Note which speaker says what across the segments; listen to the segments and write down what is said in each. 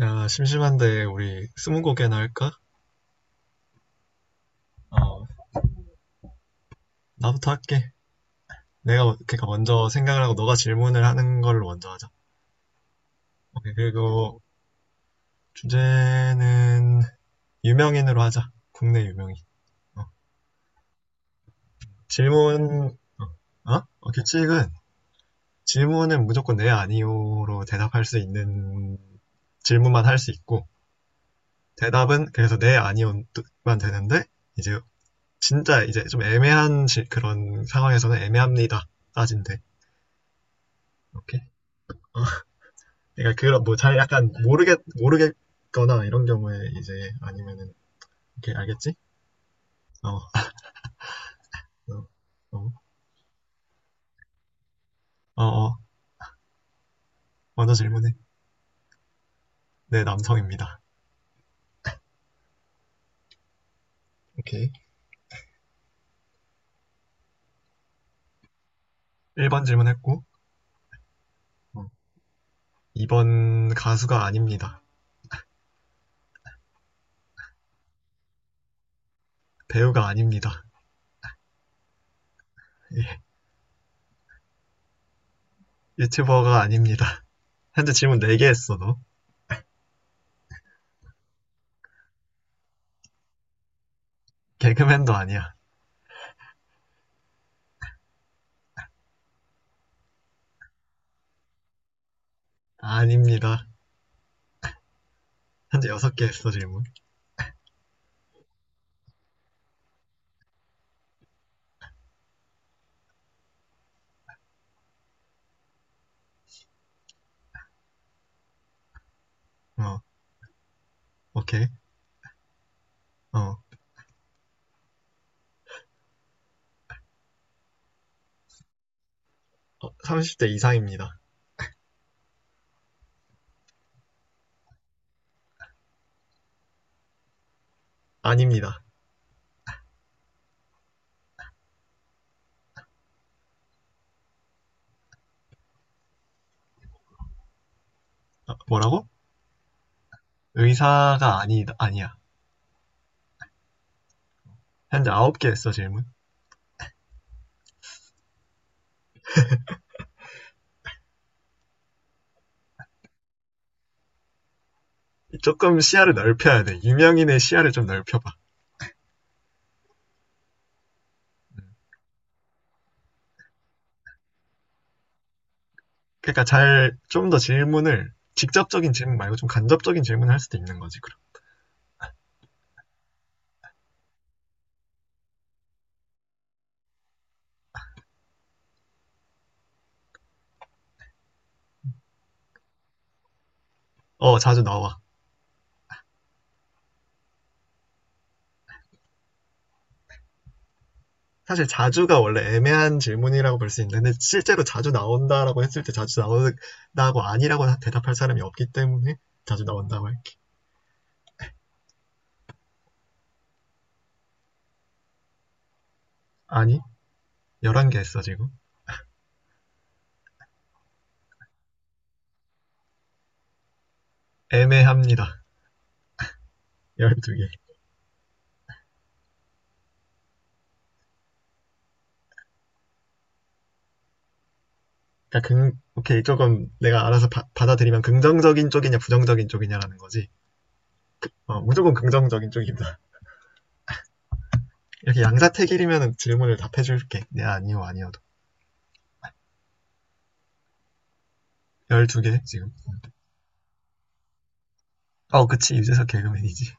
Speaker 1: 야, 심심한데 우리 스무고개나 할까? 어, 나부터 할게. 내가 그러니까 먼저 생각을 하고 너가 질문을 하는 걸로 먼저 하자. 오케이, 그리고 주제는 유명인으로 하자. 국내 유명인. 어, 질문, 어? 규칙은 질문은 무조건 네, 아니요로 대답할 수 있는 질문만 할 수 있고 대답은 그래서 네, 아니요만 되는데 이제 진짜 이제 좀 애매한 그런 상황에서는 애매합니다. 따진대. 오케이? 어? 그러니까 그런 뭐 잘 약간 모르겠거나 이런 경우에 이제 아니면은 이렇게 알겠지? 어. 어. 어. 어. 어. 먼저 질문해. 네, 남성입니다. 오케이. 1번 질문했고 어. 2번 가수가 아닙니다. 배우가 아닙니다. 예. 유튜버가 아닙니다. 현재 질문 4개 했어, 너. 개그맨도 아니야. 아닙니다. 현재 6개 했어, 질문. 어. 오케이. 어. 어, 30대 이상입니다. 아닙니다. 아, 뭐라고? 의사가 아니, 아니야. 현재 아홉 개 했어, 질문. 조금 시야를 넓혀야 돼. 유명인의 시야를 좀 넓혀봐. 그러니까 잘, 좀 더 질문을, 직접적인 질문 말고 좀 간접적인 질문을 할 수도 있는 거지, 그럼. 어, 자주 나와. 사실 자주가 원래 애매한 질문이라고 볼 수 있는데, 실제로 자주 나온다라고 했을 때 자주 나온다고 아니라고 대답할 사람이 없기 때문에 자주 나온다고 할게. 아니, 11개 했어, 지금. 애매합니다. 12개. 그러니까 오케이, 조금 내가 알아서 받아들이면 긍정적인 쪽이냐, 부정적인 쪽이냐라는 거지. 어, 무조건 긍정적인 쪽입니다. 이렇게 양자택일이면 질문을 답해줄게. 네, 아니요, 아니어도. 12개, 지금. 어, 그치, 유재석 개그맨이지.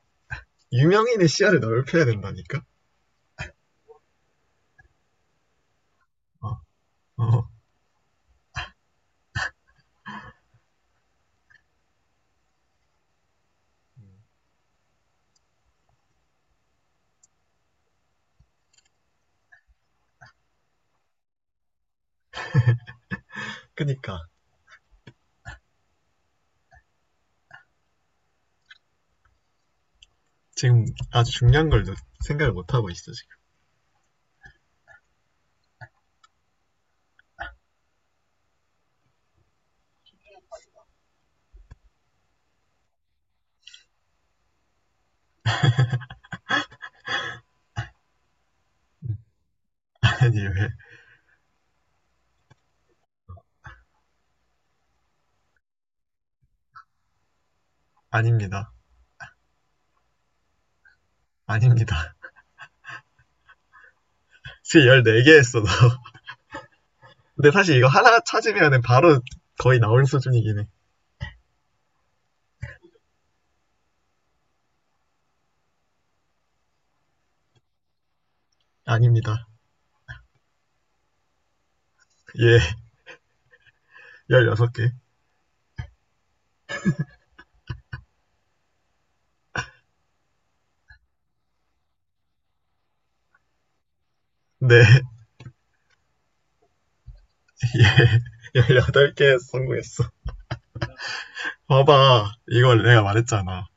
Speaker 1: 유명인의 시야를 넓혀야 된다니까? 어, 어. 그니까. 지금 아주 중요한 걸 생각을 못하고 있어, 지금. 아니, 왜? 아닙니다. 아닙니다. 지금 14개 했어, 너. 근데 사실 이거 하나 찾으면 바로 거의 나올 수준이긴 해. 아닙니다. 예, 16개. 네, 예, 18개 성공했어. 봐봐. 이걸 내가 말했잖아.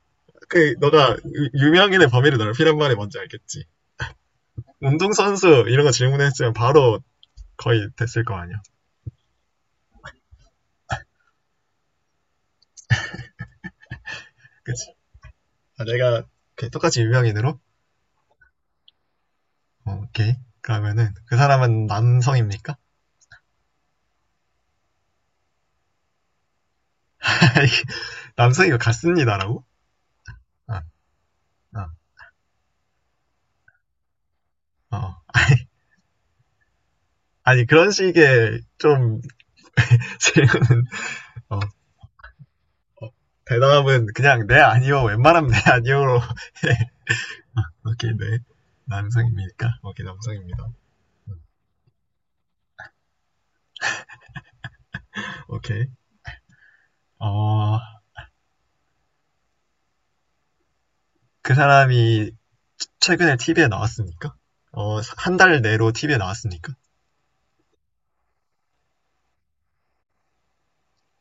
Speaker 1: 그, 너가 유명인의 범위를 넓히란 말이 뭔지 알겠지? 운동선수 이런 거 질문했으면 바로 거의 됐을 거 아니야. 그치? 아, 내가 그 똑같이 유명인으로? 어, 오케이. 그러면은 그 사람은 남성입니까? 남성이고 같습니다라고? 아, 아, 어. 아니 그런 식의 좀 질문은 어, 대답은 그냥 네 아니요 웬만하면 네 아니요로 오케이 네 남성입니까? 오케이 남성입니다. 오케이 어, 그 사람이 최근에 TV에 나왔습니까? 어, 한 달 내로 TV에 나왔습니까?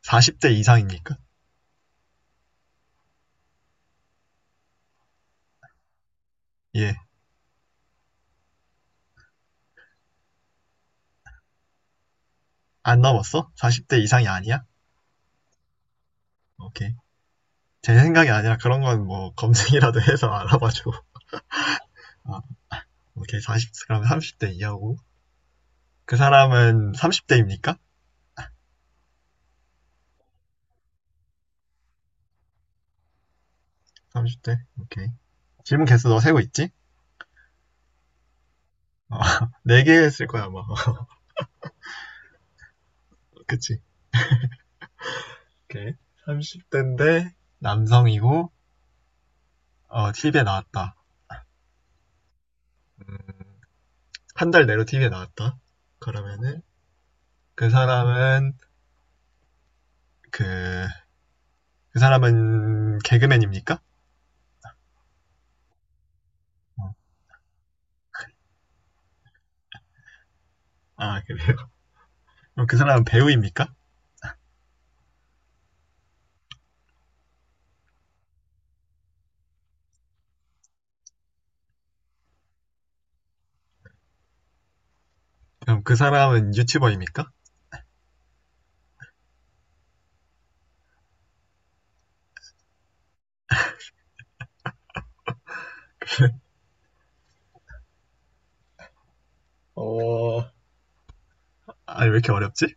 Speaker 1: 40대 이상입니까? 예. 안 넘었어? 40대 이상이 아니야? 오케이. 제 생각이 아니라 그런 건 뭐 검색이라도 해서 알아봐줘. 아, 오케이. 40, 그럼 30대 이하고. 그 사람은 30대입니까? 30대? 오케이. 질문 개수 너 세고 있지? 어, 4개 했을 거야, 아마. 그치? 오케이. 30대인데 남성이고, 어, TV에 나왔다. 음, 한 달 내로 TV에 나왔다. 그러면은 그 사람은 그, 그 사람은 개그맨입니까? 어. 아, 그래요? 그럼 그 사람은 배우입니까? 그럼 그 사람은 유튜버입니까? 어, 아니, 왜 이렇게 어렵지?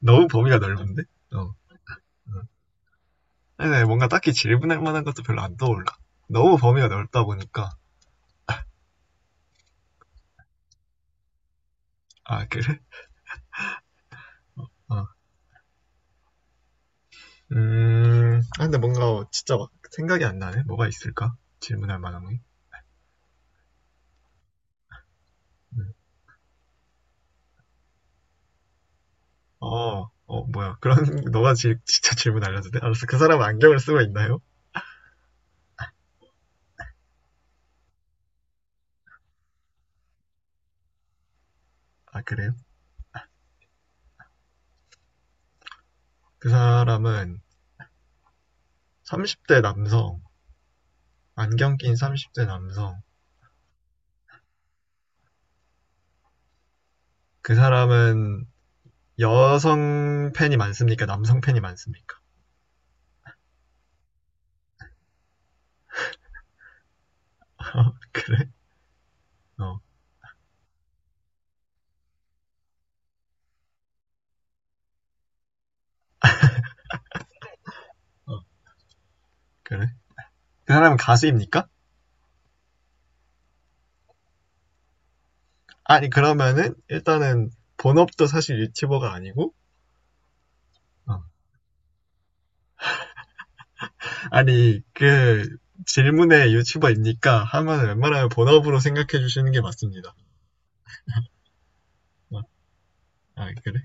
Speaker 1: 너무 범위가 넓은데? 어. 아니, 뭔가 딱히 질문할 만한 것도 별로 안 떠올라. 너무 범위가 넓다 보니까. 아, 그래? 어. 아, 근데 뭔가 진짜 막 생각이 안 나네. 뭐가 있을까? 질문할 만한 게. 뭐야. 그런, 진짜 질문 알려도 돼? 알았어. 그 사람은 안경을 쓰고 있나요? 아, 그래요? 그 사람은 30대 남성, 안경 낀 30대 남성. 그 사람은 여성 팬이 많습니까? 남성 팬이 많습니까? 그래? 어, 어, 그래? 그 사람은 가수입니까? 아니, 그러면은, 일단은, 본업도 사실 유튜버가 아니고, 어. 아니, 그, 질문에 유튜버입니까? 하면 웬만하면 본업으로 생각해 주시는 게 맞습니다. 어, 아, 그래?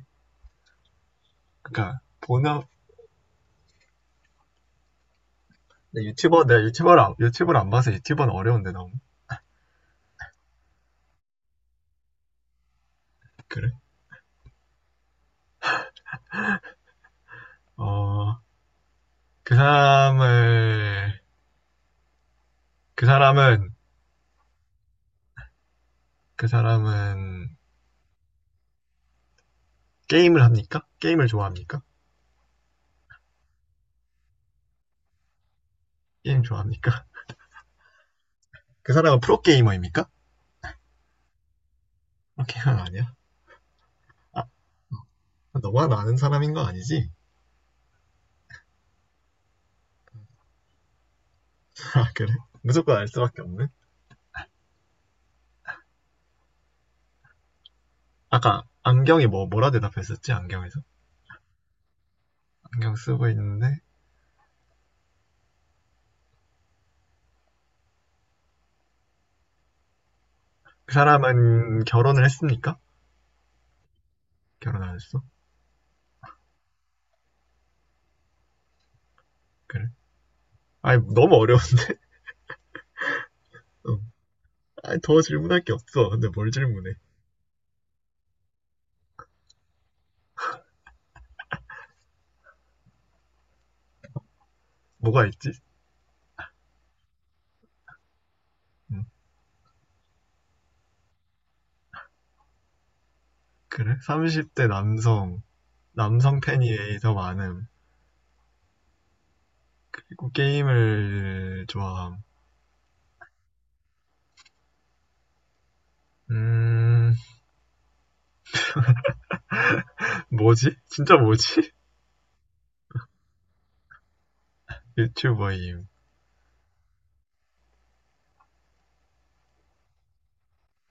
Speaker 1: 그러니까 본업 유튜버 내가 유튜버를 안, 유튜브를 안 봐서 유튜버는 어려운데 너무 그래? 어, 그 사람을 그 사람은 그 사람은 게임을 합니까? 게임을 좋아합니까? 게임 좋아합니까? 그 사람은 프로게이머입니까? 프로게이머 아니야? 아, 너만 아는 사람인 거 아니지? 아, 그래? 무조건 알 수밖에 없네. 아까 안경이 뭐 뭐라 대답했었지? 안경에서? 안경 쓰고 있는데 그 사람은 결혼을 했습니까? 결혼 안 했어? 그래? 아니 너무 어려운데. 응. 아, 더 질문할 게 없어. 근데 뭘 질문해? 뭐가 있지? 응. 그래? 30대 남성, 남성 팬이 더 많음. 그리고 게임을 좋아함. 음, 뭐지? 진짜 뭐지? 유튜버임.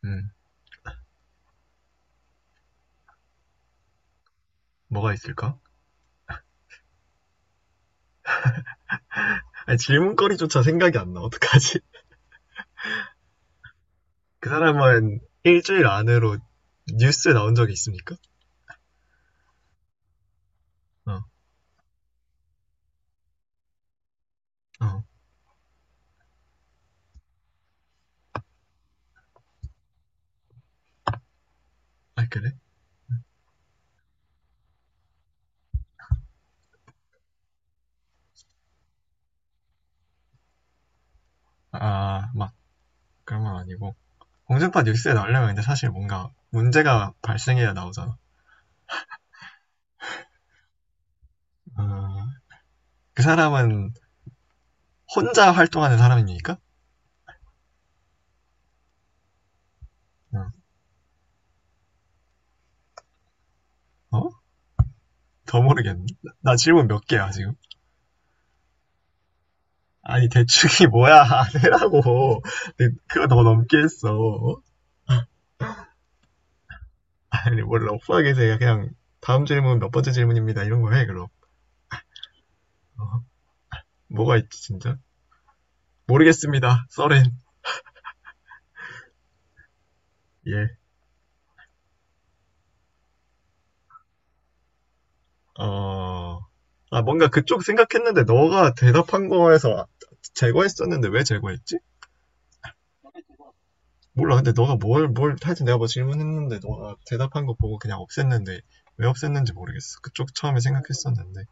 Speaker 1: 음, 뭐가 있을까? 아니, 질문거리조차 생각이 안 나. 어떡하지? 그 사람은 일주일 안으로 뉴스에 나온 적이 있습니까? 어, 어. 아, 그래? 아, 막, 그런 건 아니고. 공중파 뉴스에 나오려면 근데 사실 뭔가 문제가 발생해야 나오잖아. 아, 그 사람은 혼자 활동하는 사람입니까? 응. 어? 더 모르겠네. 나 질문 몇 개야, 지금? 아니, 대충이 뭐야. 안 해라고. 그거 너 넘게 했어. 어? 아니, 뭘 러프하게 해. 그냥, 다음 질문 몇 번째 질문입니다. 이런 거 해, 그럼. 어? 뭐가 있지, 진짜? 모르겠습니다. 써렌. 예. 어, 아, 뭔가 그쪽 생각했는데 너가 대답한 거에서 아, 제거했었는데 왜 제거했지? 몰라. 근데 너가 하여튼 내가 뭐 질문했는데 너가 대답한 거 보고 그냥 없앴는데 왜 없앴는지 모르겠어. 그쪽 처음에 생각했었는데.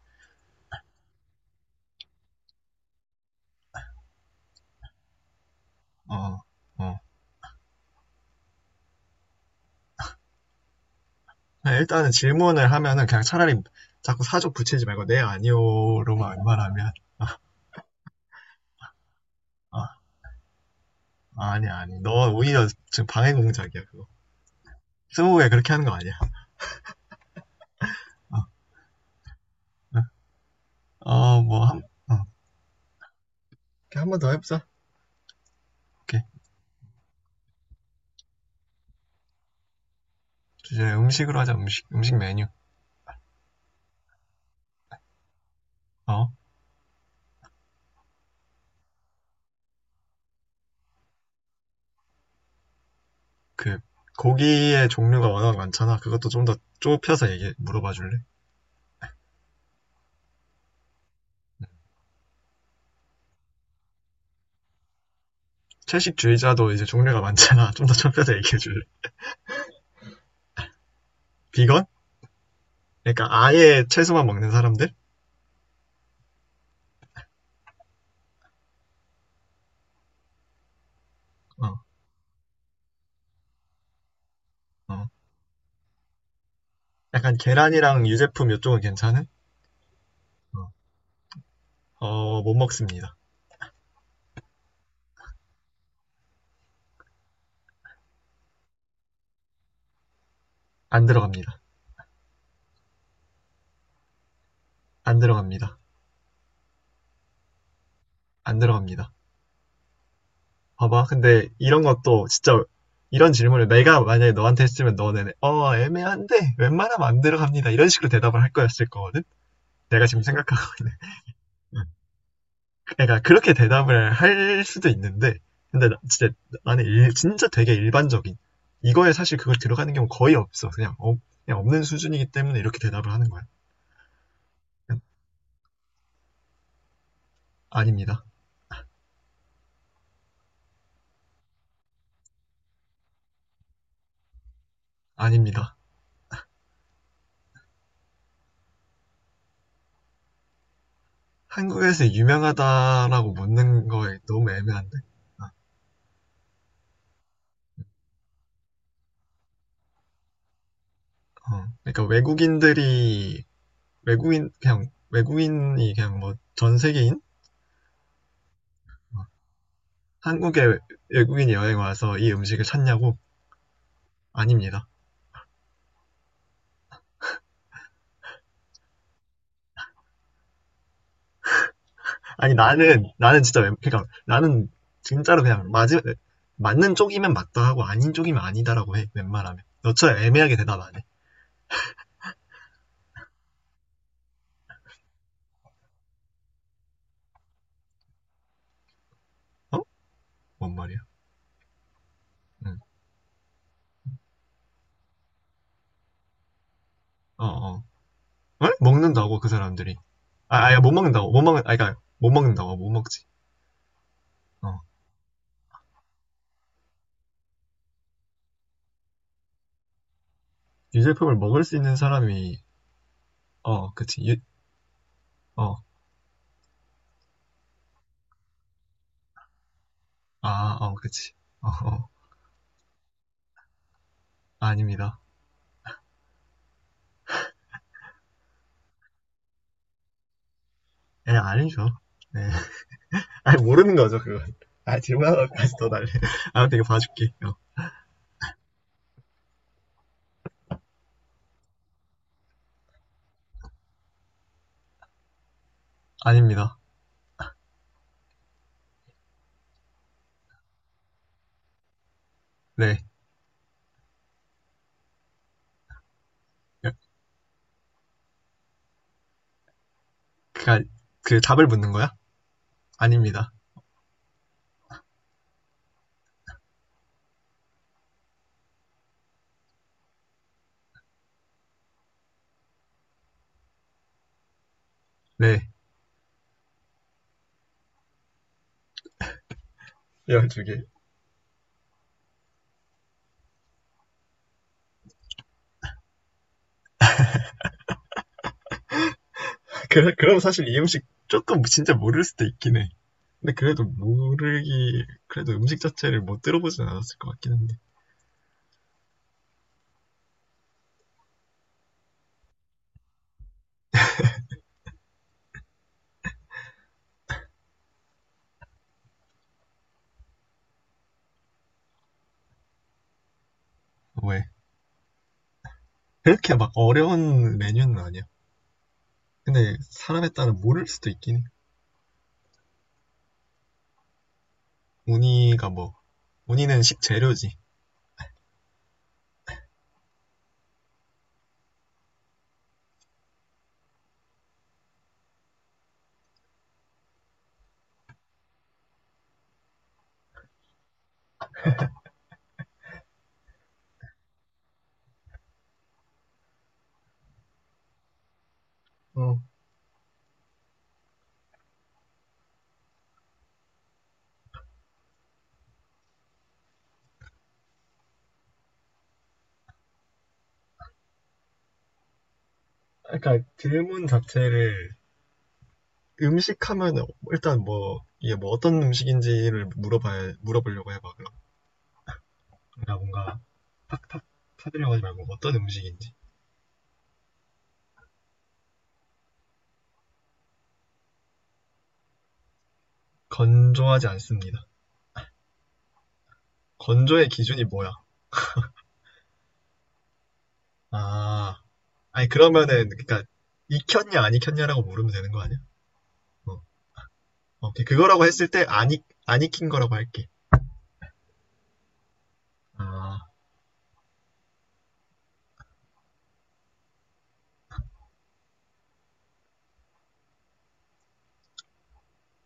Speaker 1: 어, 어. 그냥 일단은 질문을 하면은 그냥 차라리 자꾸 사족 붙이지 말고 네, 아니요로만 말하면 아, 아니. 너 오히려 지금 방해 공작이야, 그거. 스무고개 그렇게 하는 거 아니야. 응. 어, 뭐, 한, 어. 한번 더 해보자. 오케이. 주제 음식으로 하자, 음식, 음식 메뉴. 어, 그, 고기의 종류가 워낙 많잖아. 그것도 좀 더 좁혀서 얘기, 물어봐 줄래? 채식주의자도 이제 종류가 많잖아. 좀 더 좁혀서 얘기해 줄래? 비건? 그러니까 아예 채소만 먹는 사람들? 어, 어. 약간 계란이랑 유제품 이쪽은 괜찮은? 어, 어, 못 먹습니다. 안 들어갑니다. 안 들어갑니다. 안 들어갑니다. 봐봐. 근데 이런 것도 진짜 이런 질문을 내가 만약에 너한테 했으면 너는 어, 애매한데 웬만하면 안 들어갑니다. 이런 식으로 대답을 할 거였을 거거든? 내가 지금 생각하고 있는. 어. 그러니까 그렇게 대답을 할 수도 있는데, 진짜 진짜 되게 일반적인 이거에 사실 그걸 들어가는 경우 거의 없어. 그냥 없는 수준이기 때문에 이렇게 대답을 하는 거야. 그냥 아닙니다. 아닙니다. 한국에서 유명하다라고 묻는 거에 너무 애매한데. 어. 그러니까 외국인들이 외국인 그냥 외국인이 그냥 뭐 전 세계인 한국에 외국인이 여행 와서 이 음식을 찾냐고? 아닙니다. 아니 나는 그러니까 나는 진짜로 그냥 맞으 맞는 쪽이면 맞다 하고 아닌 쪽이면 아니다라고 해 웬만하면 너처럼 애매하게 대답 안 해. 어? 뭔 말이야? 응. 어 어. 에? 먹는다고 그 사람들이. 아 아야 못 먹는다고 못 먹는 아 그러니까 못 먹는다고 못 먹지. 어. 유제품을 먹을 수 있는 사람이 어 그치 유, 어. 그치. 어, 어. 아닙니다. 예, 아니죠. 네. 아니, 모르는 거죠, 그건. 아, 질문하다까지 더 날려. 아무튼 이거 봐줄게. 어. 아닙니다. 네. 그니까 그 답을 묻는 거야? 아닙니다. 네. 열두 개그 그, 그럼 사실 이 음식 조금 진짜 모를 수도 있긴 해. 근데 그래도 모르기, 그래도 음식 자체를 못 들어보진 않았을 것 같긴 한데. 왜? 그렇게 막 어려운 메뉴는 아니야. 근데 사람에 따라 모를 수도 있긴 해. 우니가 뭐, 우니는 식재료지. 어. 그러니까 질문 자체를 음식 하면 일단 뭐, 이게 뭐 어떤 음식인지를 물어보려고 해봐, 그럼. 그러니까 뭔가 탁탁 사들려고 하지 말고 어떤 음식인지. 건조하지 않습니다. 건조의 기준이 뭐야? 아, 아니 그러면은 그러니까 익혔냐 안 익혔냐라고 물으면 되는 거 아니야? 어, 오케이 그거라고 했을 때 안 익힌 거라고 할게. 아,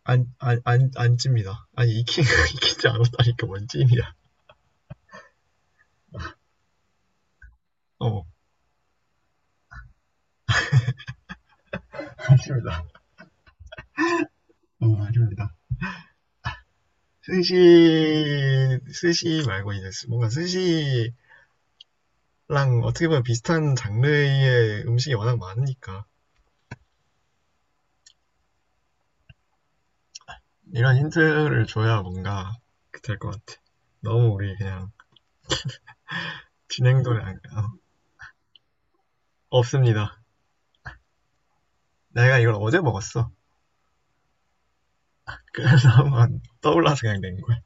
Speaker 1: 안 찝니다. 아니 익힌 익히지 않았다니까 뭔 찜이야. 어, 아닙니다. 어, 아닙니다. 스시, 스시 말고 이제 뭔가 스시랑 어떻게 보면 비슷한 장르의 음식이 워낙 많으니까. 이런 힌트를 줘야 뭔가 될 것 같아. 너무 우리 그냥 진행도 그냥 어, 없습니다. 내가 이걸 어제 먹었어. 그래서 한번 떠올라서 그냥 낸 거야.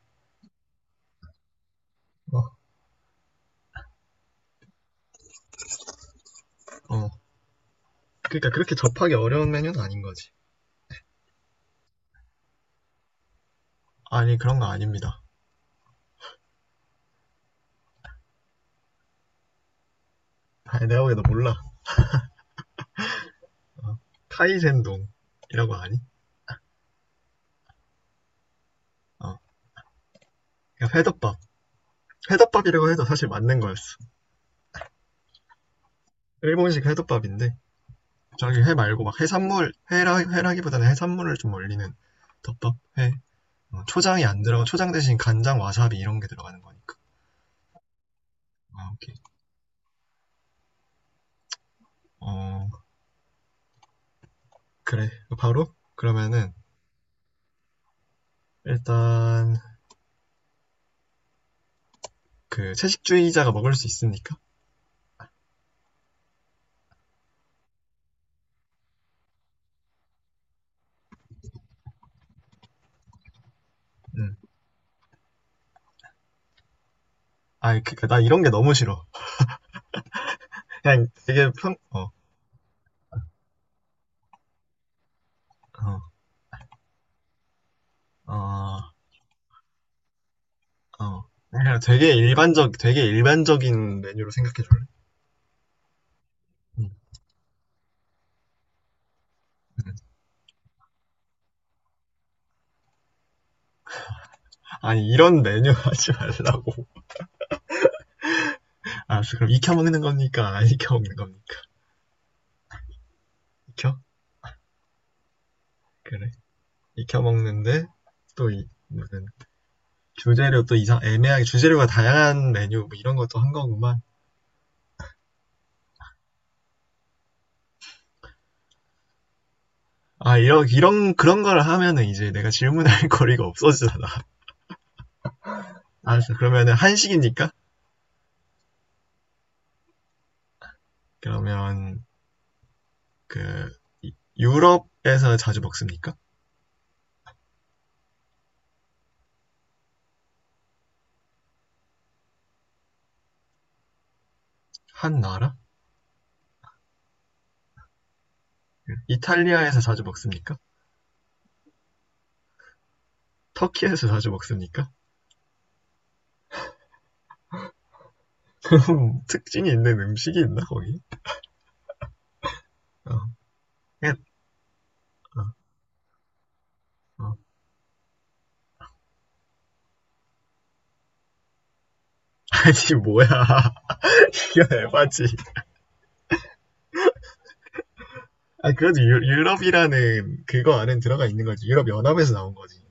Speaker 1: 어, 어. 그러니까 그렇게 접하기 어려운 메뉴는 아닌 거지. 아니 그런 거 아닙니다. 아니 내가 보기엔 너 몰라. 카이센동이라고 아니? 어, 그냥 회덮밥. 회덮밥이라고 해도 사실 맞는 거였어. 일본식 회덮밥인데 저기 회 말고 막 해산물 회라기보다는 해산물을 좀 올리는 덮밥 회. 어, 초장이 안 들어가 초장 대신 간장 와사비 이런 게 들어가는 거니까 아 오케이 어 그래 바로 그러면은 일단 그 채식주의자가 먹을 수 있으니까 응. 아 그니까 나 이런 게 너무 싫어 그냥 되게 평어어어 그냥 되게 일반적인 메뉴로 생각해 줄래 응. 응. 아니 이런 메뉴 하지 말라고 알았어 그럼 익혀 먹는 겁니까 안 익혀 먹는 겁니까 익혀 그래 익혀 먹는데 또 이, 무슨 주재료 또 이상 애매하게 주재료가 다양한 메뉴 뭐 이런 것도 한 거구만. 아 이런 이런 그런 걸 하면은 이제 내가 질문할 거리가 없어지잖아. 알았어. 그러면은 한식입니까? 그러면 그 유럽에서 자주 먹습니까? 한 나라? 이탈리아에서 자주 먹습니까? 터키에서 자주 먹습니까? 특징이 있는 음식이 있나 거기? 어. 예, 어, 어. 아니 뭐야? 이거 에바지. 아 그래도 유럽이라는 그거 안에 들어가 있는 거지. 유럽 연합에서 나온 거지.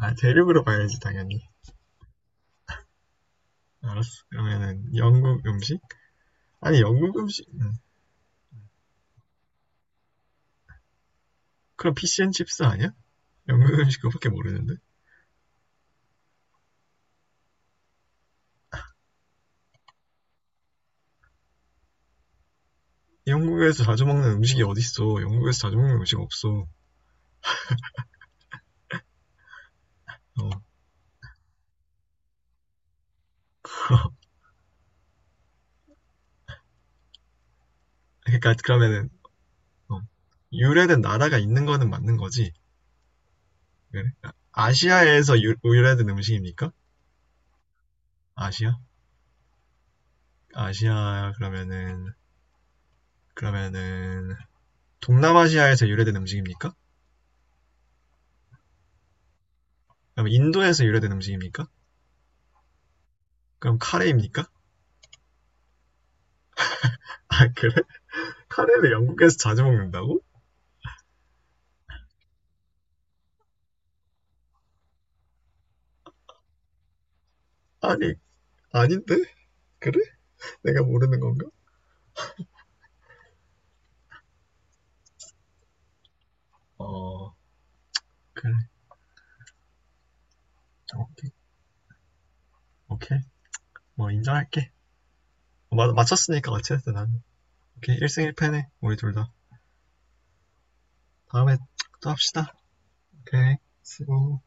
Speaker 1: 아, 대륙으로 봐야지, 당연히. 알았어. 그러면은, 영국 음식? 아니, 영국 음식, 그럼 피시앤칩스 아니야? 영국 음식 그거밖에 모르는데? 영국에서 자주 먹는 음식이 어딨어? 영국에서 자주 먹는 음식 없어. 어. 그러니까, 그러면은, 어. 유래된 나라가 있는 거는 맞는 거지. 그래? 아, 아시아에서 유래된 음식입니까? 아시아? 아시아, 그러면은, 그러면은, 동남아시아에서 유래된 음식입니까? 그럼 인도에서 유래된 음식입니까? 그럼 카레입니까? 아, 그래? 카레를 영국에서 자주 먹는다고? 아니, 아닌데? 그래? 내가 모르는 건가? 어, 그래. 오케이. 오케이. 뭐, 인정할게. 맞췄으니까 같이 했어, 나는. 오케이. 1승 1패네. 우리 둘 다. 다음에 또 합시다. 오케이. 수고.